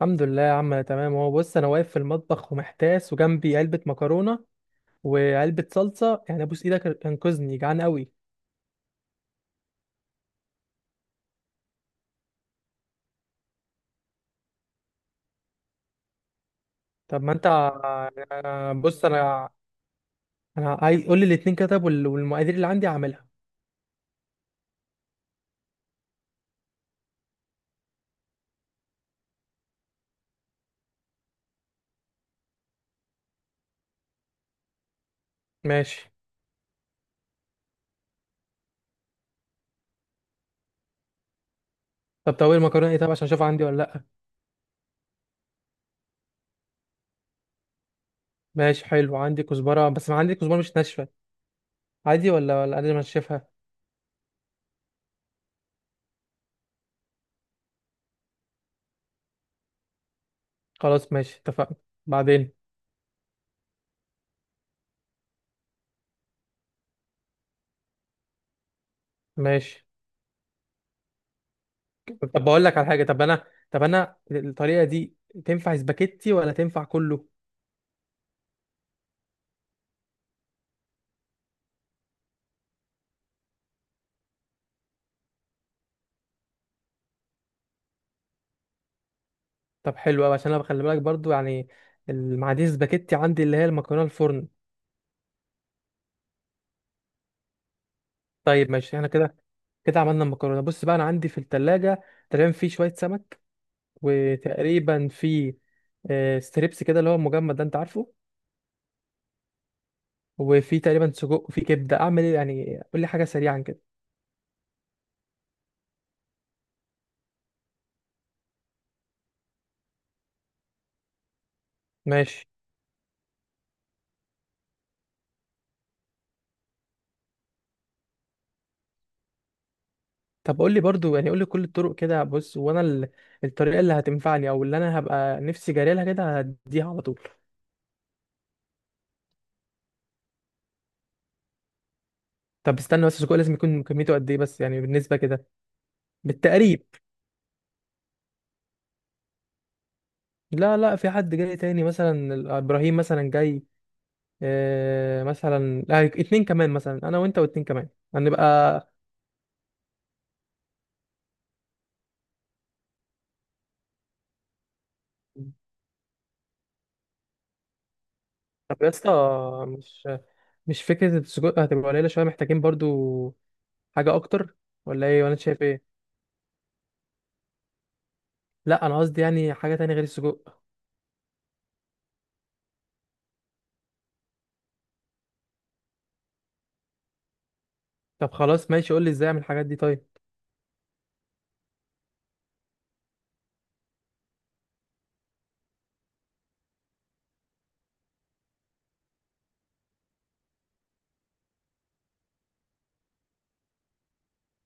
الحمد لله يا عم، انا تمام اهو. بص، انا واقف في المطبخ ومحتاس، وجنبي علبه مكرونه وعلبه صلصه، يعني ابوس ايدك انقذني، جعان قوي. طب ما انت بص انا عايز، قول لي الاتنين كده. طب والمقادير اللي عندي هعملها. ماشي. طب المكرونه ايه؟ طب عشان اشوف عندي ولا لا. ماشي حلو، عندي كزبره، بس ما عندي كزبره مش ناشفه. عادي ولا انا انشفها؟ خلاص ماشي اتفقنا. بعدين. ماشي. طب بقول لك على حاجه. طب انا الطريقه دي تنفع سباكيتي ولا تنفع كله؟ طب حلو قوي، عشان انا بخلي بالك برضو يعني. المعادير سباكيتي عندي، اللي هي المكرونه الفرن. طيب ماشي، احنا كده عملنا المكرونه. بص بقى، انا عندي في التلاجة تقريبا في شويه سمك. وتقريبا في ستريبس كده اللي هو المجمد ده، انت عارفه. وفي تقريبا سجق وفي كبده، اعمل ايه يعني؟ قول لي حاجه سريعا كده. ماشي. طب قول لي برضو يعني، قول لي كل الطرق كده، بص وانا الطريقه اللي هتنفعني او اللي انا هبقى نفسي جاري لها كده هديها على طول. طب استنى بس، السجق لازم يكون كميته قد ايه بس، يعني بالنسبه كده؟ بالتقريب. لا لا، في حد جاي تاني مثلا ابراهيم مثلا جاي. آه مثلا، اتنين كمان، مثلا انا وانت واتنين كمان. هنبقى. طب يا اسطى، مش مش فكره السجود هتبقى قليله شويه، محتاجين برضو حاجه اكتر. ولا ايه؟ ولا انت شايف ايه؟ لا، انا قصدي يعني حاجه تانية غير السجق. طب خلاص ماشي، قول لي ازاي اعمل الحاجات دي طيب.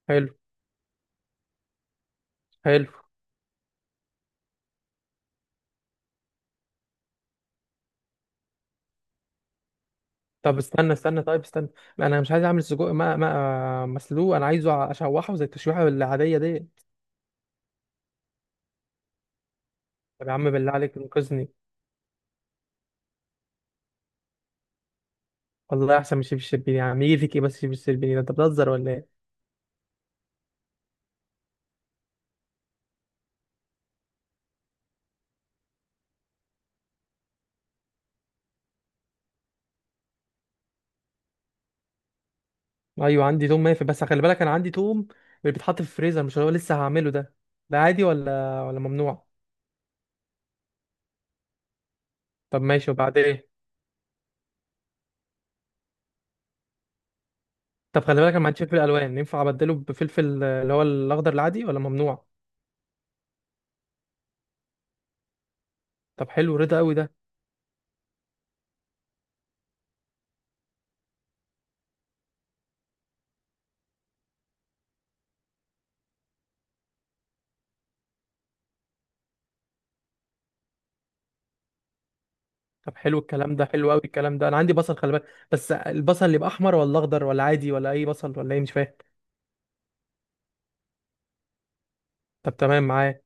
حلو، حلو. طب استنى استنى، طيب استنى. لا، انا مش عايز اعمل السجق ما مسلوق، انا عايزه اشوحه زي التشويحه العاديه دي. طب يا عم، بالله عليك انقذني. والله احسن من شيف الشربيني يا عم، يجي فيك ايه بس؟ شيف الشربيني ده انت بتهزر ولا ايه؟ ايوه عندي توم، مافي بس خلي بالك، انا عندي توم اللي بيتحط في الفريزر، مش اللي هو لسه هعمله ده. ده عادي ولا ممنوع؟ طب ماشي، وبعدين ايه؟ طب خلي بالك، انا ما عنديش فلفل الوان، ينفع ابدله بفلفل اللي هو الاخضر العادي ولا ممنوع؟ طب حلو، رضا قوي ده. طب حلو الكلام ده، حلو قوي الكلام ده، انا عندي بصل خلي بالك. بس البصل اللي يبقى احمر ولا اخضر ولا عادي ولا اي بصل ولا ايه، مش فاهم. طب تمام معايا.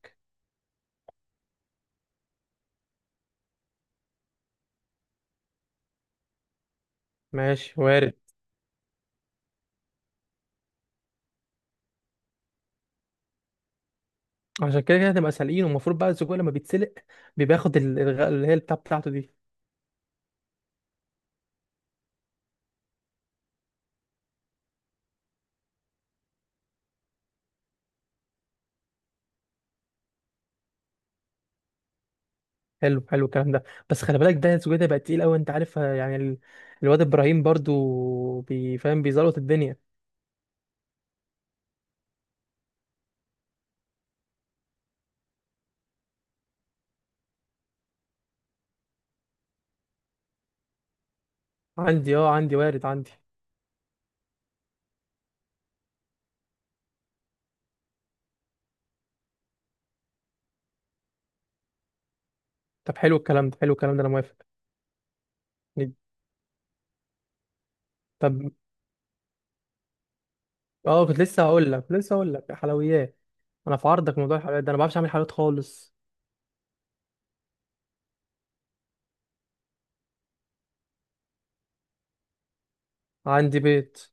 ماشي وارد. عشان كده هتبقى سالقين، والمفروض بقى السجق لما بيتسلق بياخد الغاء اللي هي البتاع بتاعته دي. حلو حلو الكلام ده. بس خلي بالك ده، السجق ده بقى تقيل قوي انت عارف، يعني الواد ابراهيم برضو بيفهم، بيزلط الدنيا. عندي اه، عندي وارد عندي. طب حلو الكلام ده، حلو الكلام ده، انا موافق. طب اه، كنت لسه هقول لك حلويات. انا في عرضك، موضوع الحلويات ده انا ما بعرفش اعمل حلويات خالص. عندي بيت.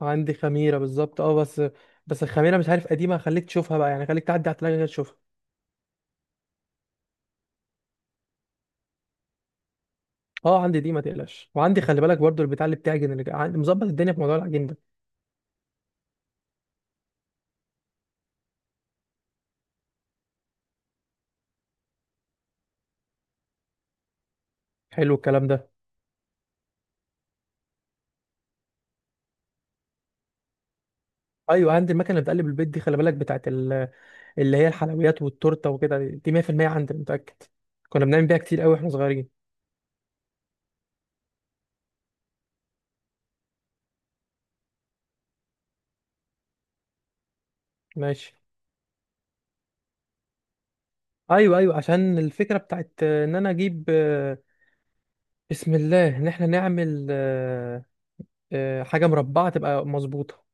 عندي خميره بالظبط اه، بس. بس الخميره مش عارف قديمه، خليك تشوفها بقى يعني، خليك تعدي على التلاجه كده تشوفها. اه عندي دي ما تقلقش، وعندي خلي بالك برضو البتاع اللي بتعجن، اللي عندي مظبط الدنيا في موضوع العجين ده. حلو الكلام ده. ايوه عندي المكنه اللي بتقلب البيت دي خلي بالك، بتاعت اللي هي الحلويات والتورته وكده، دي 100% عندي أنا متاكد. كنا بنعمل بيها كتير قوي واحنا صغيرين. ماشي. ايوه ايوه، عشان الفكره بتاعت ان انا اجيب بسم الله ان احنا نعمل حاجه مربعه تبقى مظبوطه.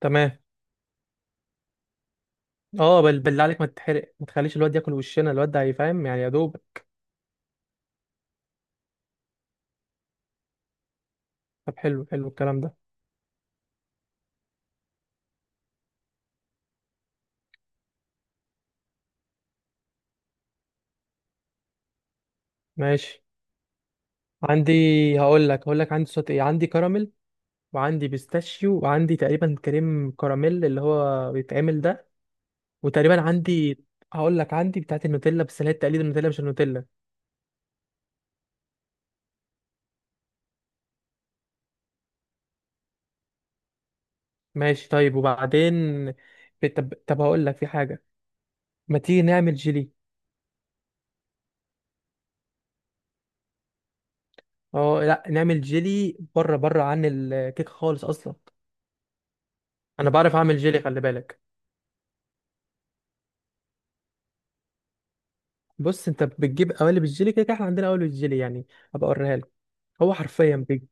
تمام. اه، بالله عليك ما تتحرق، ما تخليش الواد ياكل وشنا، الواد ده هيفهم يعني يا دوب. طب حلو حلو الكلام ده. ماشي. عندي، هقول لك عندي صوت ايه، عندي كراميل. وعندي بيستاشيو وعندي تقريبا كريم كراميل اللي هو بيتعمل ده. وتقريبا عندي، هقول لك عندي بتاعت النوتيلا بس اللي هي تقليد النوتيلا، مش النوتيلا. ماشي طيب، وبعدين. طب هقول لك في حاجة. ما تيجي نعمل جيلي؟ اه لا، نعمل جيلي بره بره عن الكيك خالص اصلا. انا بعرف اعمل جيلي خلي بالك. بص، انت بتجيب قوالب الجيلي كده، كده احنا عندنا قوالب الجيلي يعني. هبقى اوريها لك. هو حرفيا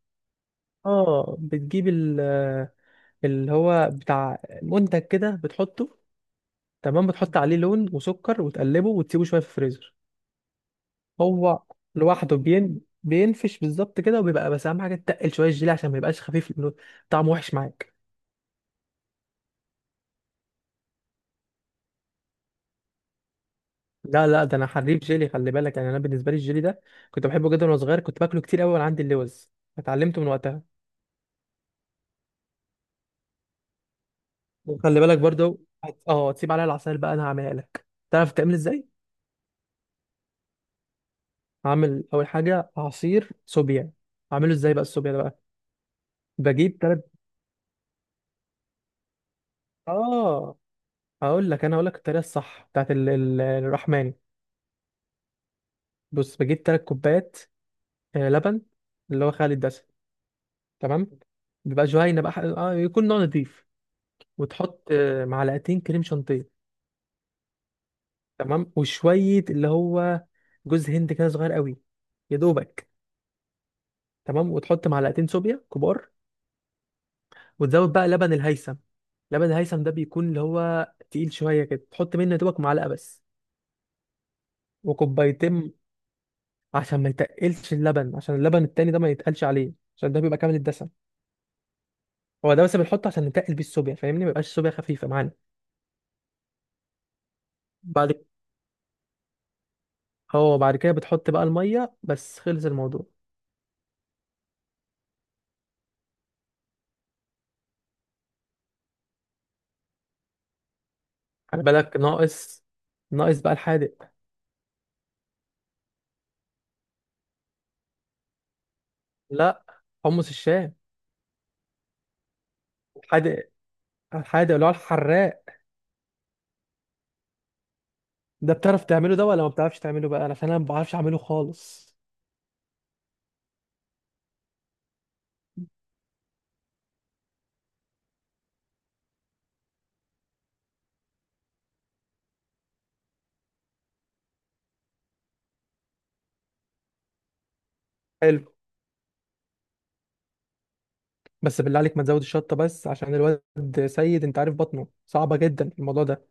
اه، بتجيب اللي هو بتاع منتج كده، بتحطه. تمام. بتحط عليه لون وسكر وتقلبه وتسيبه شويه في الفريزر. هو لوحده بينفش بالظبط كده، وبيبقى بس اهم حاجه تقل شويه الجيلي عشان ما يبقاش خفيف لانه طعمه وحش معاك. لا لا، ده انا حريف جيلي خلي بالك يعني، انا بالنسبه لي الجيلي ده كنت بحبه جدا وانا صغير، كنت باكله كتير قوي وانا عندي اللوز. اتعلمته من وقتها. وخلي بالك برضو تسيب عليها العسل بقى، انا هعملها لك. تعرف تعمل ازاي؟ هعمل اول حاجه، عصير صوبيا. اعمله ازاي بقى الصوبيا ده بقى؟ بجيب. اه، هقول لك انا هقول لك الطريقه الصح بتاعت الرحماني. بص بجيب تلات كوبايات، لبن اللي هو خالي الدسم. تمام. بيبقى جهينه بقى، يكون نوع نضيف. وتحط معلقتين كريم شانتيه. تمام وشويه اللي هو جوز هند كده صغير قوي، يا دوبك. تمام وتحط معلقتين صوبيا كبار. وتزود بقى لبن الهيثم. لبن الهيثم ده بيكون اللي هو تقيل شويه كده، تحط منه يا دوبك معلقه بس. وكوبايتين. عشان ما يتقلش اللبن، عشان اللبن التاني ده ما يتقلش عليه، عشان ده بيبقى كامل الدسم. هو ده بس بنحطه عشان نتقل بيه الصوبيا، فاهمني، ما يبقاش الصوبيا خفيفه معانا. بعد. هو بعد كده بتحط بقى الميه، بس خلص الموضوع. خلي بالك ناقص. ناقص بقى الحادق. لا. حمص الشام. الحادق، الحادق اللي هو الحراق. ده بتعرف تعمله ده ولا ما بتعرفش تعمله بقى؟ عشان انا ما بعرفش اعمله خالص. حلو. بس بالله عليك ما تزود الشطه، بس عشان الواد سيد انت عارف بطنه صعبه جدا الموضوع ده.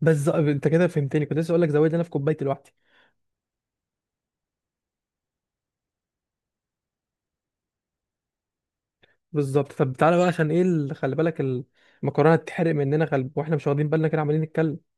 بس انت كده فهمتني، كنت لسه اقول لك زود لنا في كوبايه لوحدي. بالظبط. طب تعالى بقى عشان ايه خلي بالك المكرونه تتحرق مننا خلب، واحنا مش واخدين بالنا كده عمالين نتكلم.